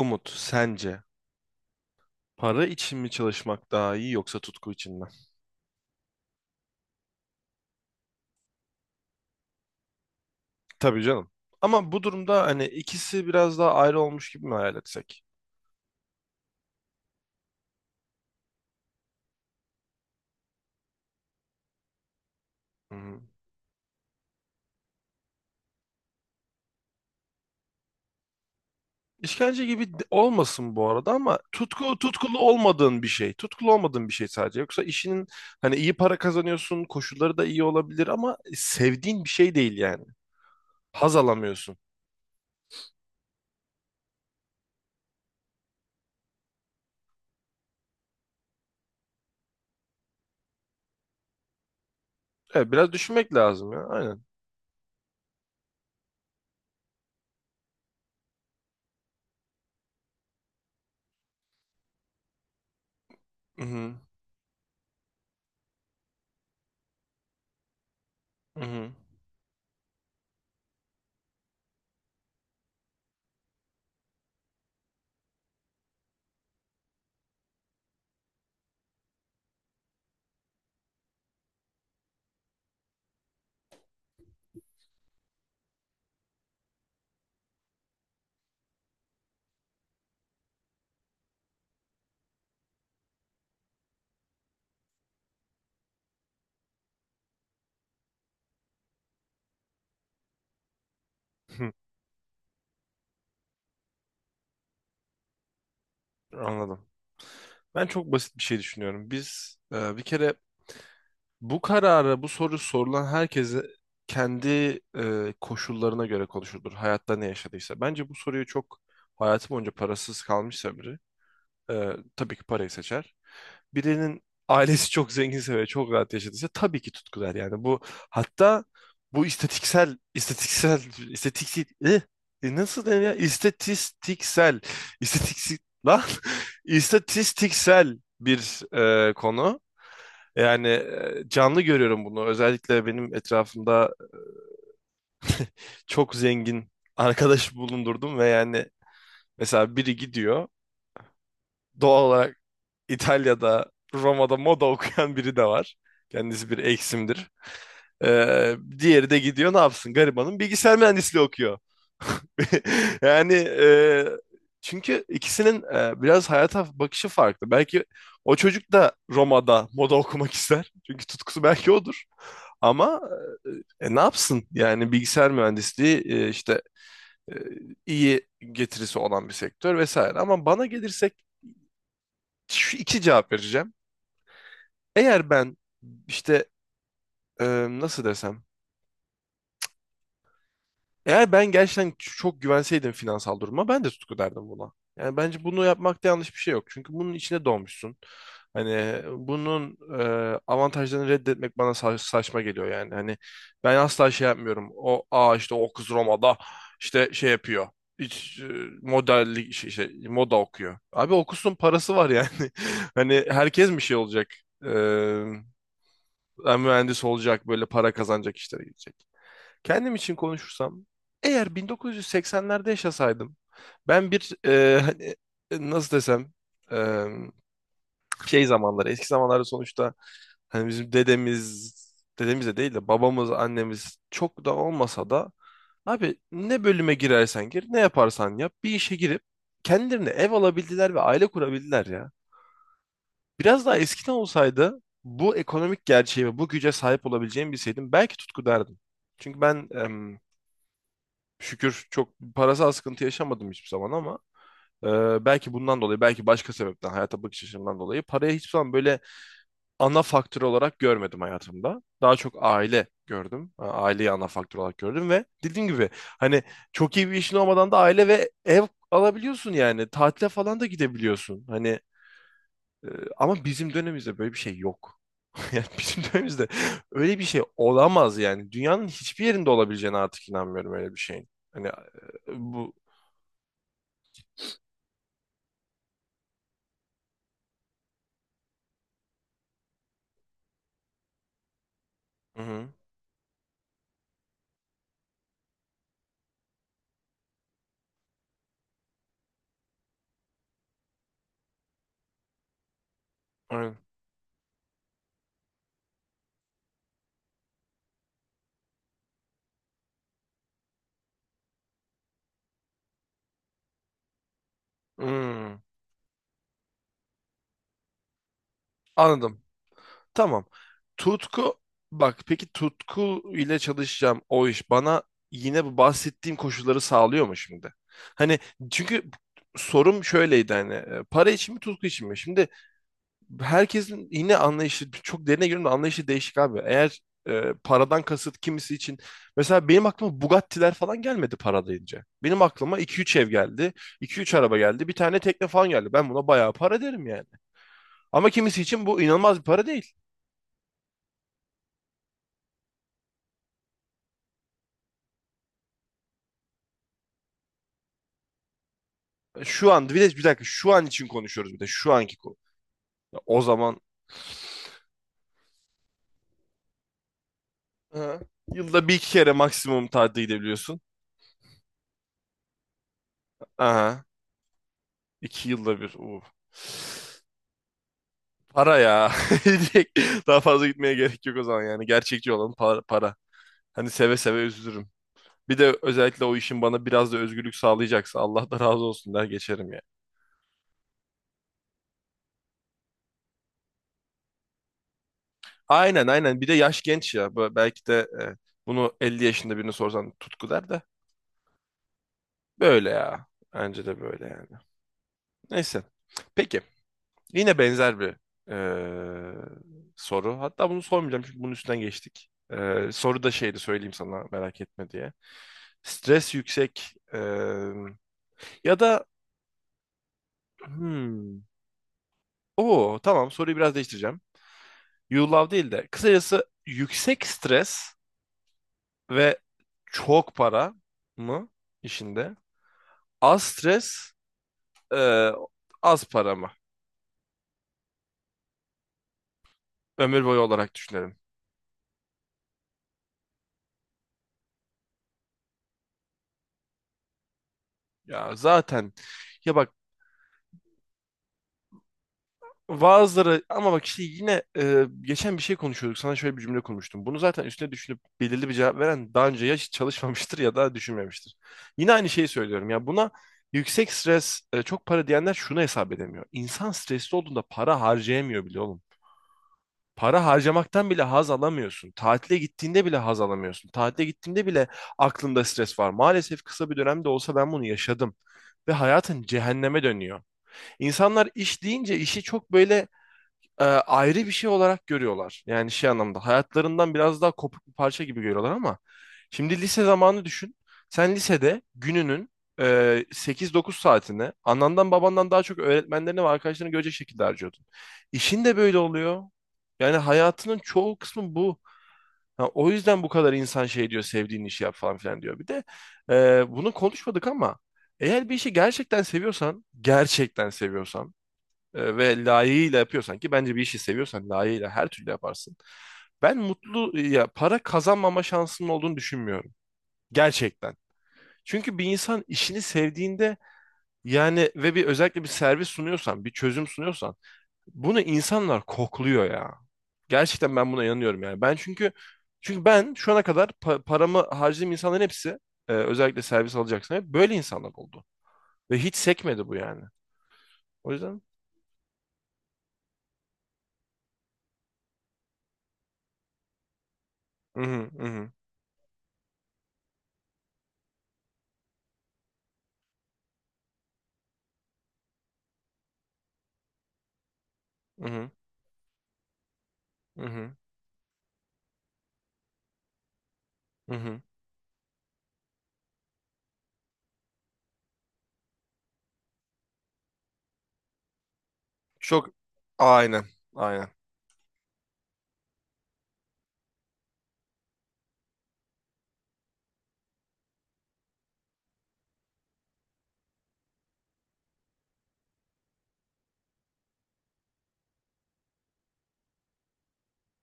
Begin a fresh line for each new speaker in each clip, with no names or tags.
Umut, sence para için mi çalışmak daha iyi yoksa tutku için mi? Tabii canım. Ama bu durumda hani ikisi biraz daha ayrı olmuş gibi mi hayal etsek? Hı hı. İşkence gibi olmasın bu arada ama tutkulu olmadığın bir şey. Tutkulu olmadığın bir şey sadece. Yoksa işinin hani iyi para kazanıyorsun, koşulları da iyi olabilir ama sevdiğin bir şey değil yani. Haz alamıyorsun. Evet, biraz düşünmek lazım ya. Aynen. Hı hı. Hı hı. Hı, anladım. Ben çok basit bir şey düşünüyorum. Bir kere bu kararı, bu soru sorulan herkese kendi koşullarına göre konuşulur. Hayatta ne yaşadıysa. Bence bu soruyu çok hayatı boyunca parasız kalmışsa biri, e, tabii ki parayı seçer. Birinin ailesi çok zenginse ve çok rahat yaşadıysa tabii ki tutku der. Yani bu hatta bu istatiksel, eh, nasıl denir ya? İstatiksel, lan, istatistiksel bir konu. Yani canlı görüyorum bunu. Özellikle benim etrafımda çok zengin arkadaş bulundurdum ve yani mesela biri gidiyor. Doğal olarak İtalya'da, Roma'da moda okuyan biri de var. Kendisi bir eksimdir. Diğeri de gidiyor ne yapsın? Garibanın bilgisayar mühendisliği okuyor. Yani çünkü ikisinin biraz hayata bakışı farklı. Belki o çocuk da Roma'da moda okumak ister. Çünkü tutkusu belki odur. Ama ne yapsın? Yani bilgisayar mühendisliği işte e, iyi getirisi olan bir sektör vesaire. Ama bana gelirsek şu iki cevap vereceğim. Eğer ben işte e, nasıl desem? Eğer ben gerçekten çok güvenseydim finansal duruma ben de tutku derdim buna. Yani bence bunu yapmakta yanlış bir şey yok. Çünkü bunun içine doğmuşsun. Hani bunun avantajlarını reddetmek bana saçma geliyor yani. Hani ben asla şey yapmıyorum. O aa işte o kız Roma'da işte şey yapıyor. Hiç e, modellik moda okuyor. Abi okusun parası var yani. Hani herkes mi şey olacak? E, mühendis olacak böyle para kazanacak işlere gidecek. Kendim için konuşursam, eğer 1980'lerde yaşasaydım, ben bir nasıl desem, e, şey zamanları, eski zamanlarda sonuçta hani dedemiz de değil de babamız, annemiz çok da olmasa da abi ne bölüme girersen gir, ne yaparsan yap, bir işe girip kendilerine ev alabildiler ve aile kurabildiler ya. Biraz daha eskiden olsaydı bu ekonomik gerçeğe ve bu güce sahip olabileceğimi bilseydim belki tutku derdim. Çünkü ben em, Şükür çok parasal sıkıntı yaşamadım hiçbir zaman ama e, belki bundan dolayı, belki başka sebepten, hayata bakış açımdan dolayı parayı hiçbir zaman böyle ana faktör olarak görmedim hayatımda. Daha çok aile gördüm. Aileyi ana faktör olarak gördüm ve dediğim gibi hani çok iyi bir işin olmadan da aile ve ev alabiliyorsun yani. Tatile falan da gidebiliyorsun. Hani e, ama bizim dönemimizde böyle bir şey yok. Yani bizim dönemimizde öyle bir şey olamaz yani. Dünyanın hiçbir yerinde olabileceğine artık inanmıyorum öyle bir şeyin. Hani bu. Hı hı. Aynen. Hmm, anladım. Tamam. Tutku, bak peki tutku ile çalışacağım o iş bana yine bu bahsettiğim koşulları sağlıyor mu şimdi? Hani çünkü sorum şöyleydi hani para için mi tutku için mi? Şimdi herkesin yine anlayışı çok derine girdiğimde anlayışı değişik abi. Eğer paradan kasıt kimisi için mesela benim aklıma Bugatti'ler falan gelmedi para deyince. Benim aklıma iki üç ev geldi, iki üç araba geldi, bir tane tekne falan geldi. Ben buna bayağı para derim yani. Ama kimisi için bu inanılmaz bir para değil. Şu an bir de bir dakika şu an için konuşuyoruz bir de şu anki konu. Ya, o zaman aha, yılda bir iki kere maksimum tatile gidebiliyorsun. Aha. İki yılda bir. Para ya. Direkt daha fazla gitmeye gerek yok o zaman yani. Gerçekçi olan para, para. Hani seve seve üzülürüm. Bir de özellikle o işin bana biraz da özgürlük sağlayacaksa Allah da razı olsun der geçerim ya. Aynen aynen. Bir de yaş genç ya. Belki de bunu 50 yaşında birine sorsan tutku der de. Böyle ya. Bence de böyle yani. Neyse. Peki. Yine benzer bir soru. Hatta bunu sormayacağım çünkü bunun üstünden geçtik. Soru da şeydi söyleyeyim sana merak etme diye. Stres yüksek, ya da hmm, o tamam soruyu biraz değiştireceğim. You love değil de kısacası yüksek stres ve çok para mı işinde? Az stres, eee, az para mı? Ömür boyu olarak düşünelim. Ya zaten ya bak bazıları ama bak işte yine geçen bir şey konuşuyorduk. Sana şöyle bir cümle konmuştum. Bunu zaten üstüne düşünüp belirli bir cevap veren daha önce ya hiç çalışmamıştır ya da düşünmemiştir. Yine aynı şeyi söylüyorum. Ya buna yüksek stres, çok para diyenler şunu hesap edemiyor. İnsan stresli olduğunda para harcayamıyor bile oğlum. Para harcamaktan bile haz alamıyorsun. Tatile gittiğinde bile haz alamıyorsun. Tatile gittiğinde bile aklında stres var. Maalesef kısa bir dönemde olsa ben bunu yaşadım ve hayatın cehenneme dönüyor. İnsanlar iş deyince işi çok böyle ayrı bir şey olarak görüyorlar. Yani şey anlamda hayatlarından biraz daha kopuk bir parça gibi görüyorlar ama şimdi lise zamanı düşün. Sen lisede gününün e, 8-9 saatini anandan babandan daha çok öğretmenlerini ve arkadaşlarını görecek şekilde harcıyordun. İşin de böyle oluyor. Yani hayatının çoğu kısmı bu. Ha, o yüzden bu kadar insan şey diyor, sevdiğin işi yap falan filan diyor. Bir de bunu konuşmadık ama eğer bir işi gerçekten seviyorsan, gerçekten seviyorsan ve layığıyla yapıyorsan ki bence bir işi seviyorsan layığıyla her türlü yaparsın. Ben mutlu ya para kazanmama şansının olduğunu düşünmüyorum. Gerçekten. Çünkü bir insan işini sevdiğinde yani ve bir özellikle bir servis sunuyorsan, bir çözüm sunuyorsan bunu insanlar kokluyor ya. Gerçekten ben buna inanıyorum yani. Ben çünkü çünkü ben şu ana kadar paramı harcadığım insanların hepsi özellikle servis alacaksan hep böyle insanlar oldu. Ve hiç sekmedi bu yani. O yüzden mhm, mhm, mhm, mhm, mhm. Çok aynen. Aynen.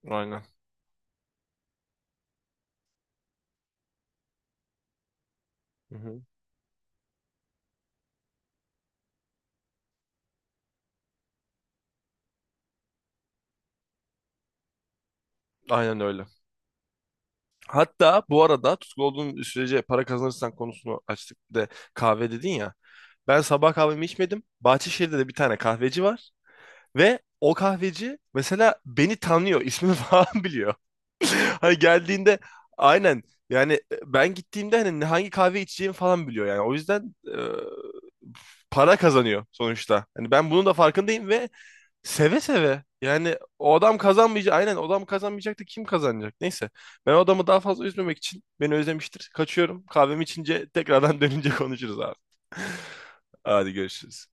Aynen. Hı hı. Aynen öyle. Hatta bu arada tutku olduğun sürece para kazanırsan konusunu açtık, bir de kahve dedin ya. Ben sabah kahvemi içmedim. Bahçeşehir'de de bir tane kahveci var. Ve o kahveci mesela beni tanıyor, ismimi falan biliyor. Hani geldiğinde aynen yani ben gittiğimde hani hangi kahve içeceğimi falan biliyor yani. O yüzden para kazanıyor sonuçta. Hani ben bunun da farkındayım ve seve seve. Yani o adam kazanmayacak. Aynen, o adam kazanmayacak da kim kazanacak? Neyse. Ben o adamı daha fazla üzmemek için, beni özlemiştir. Kaçıyorum. Kahvemi içince tekrardan dönünce konuşuruz abi. Hadi görüşürüz.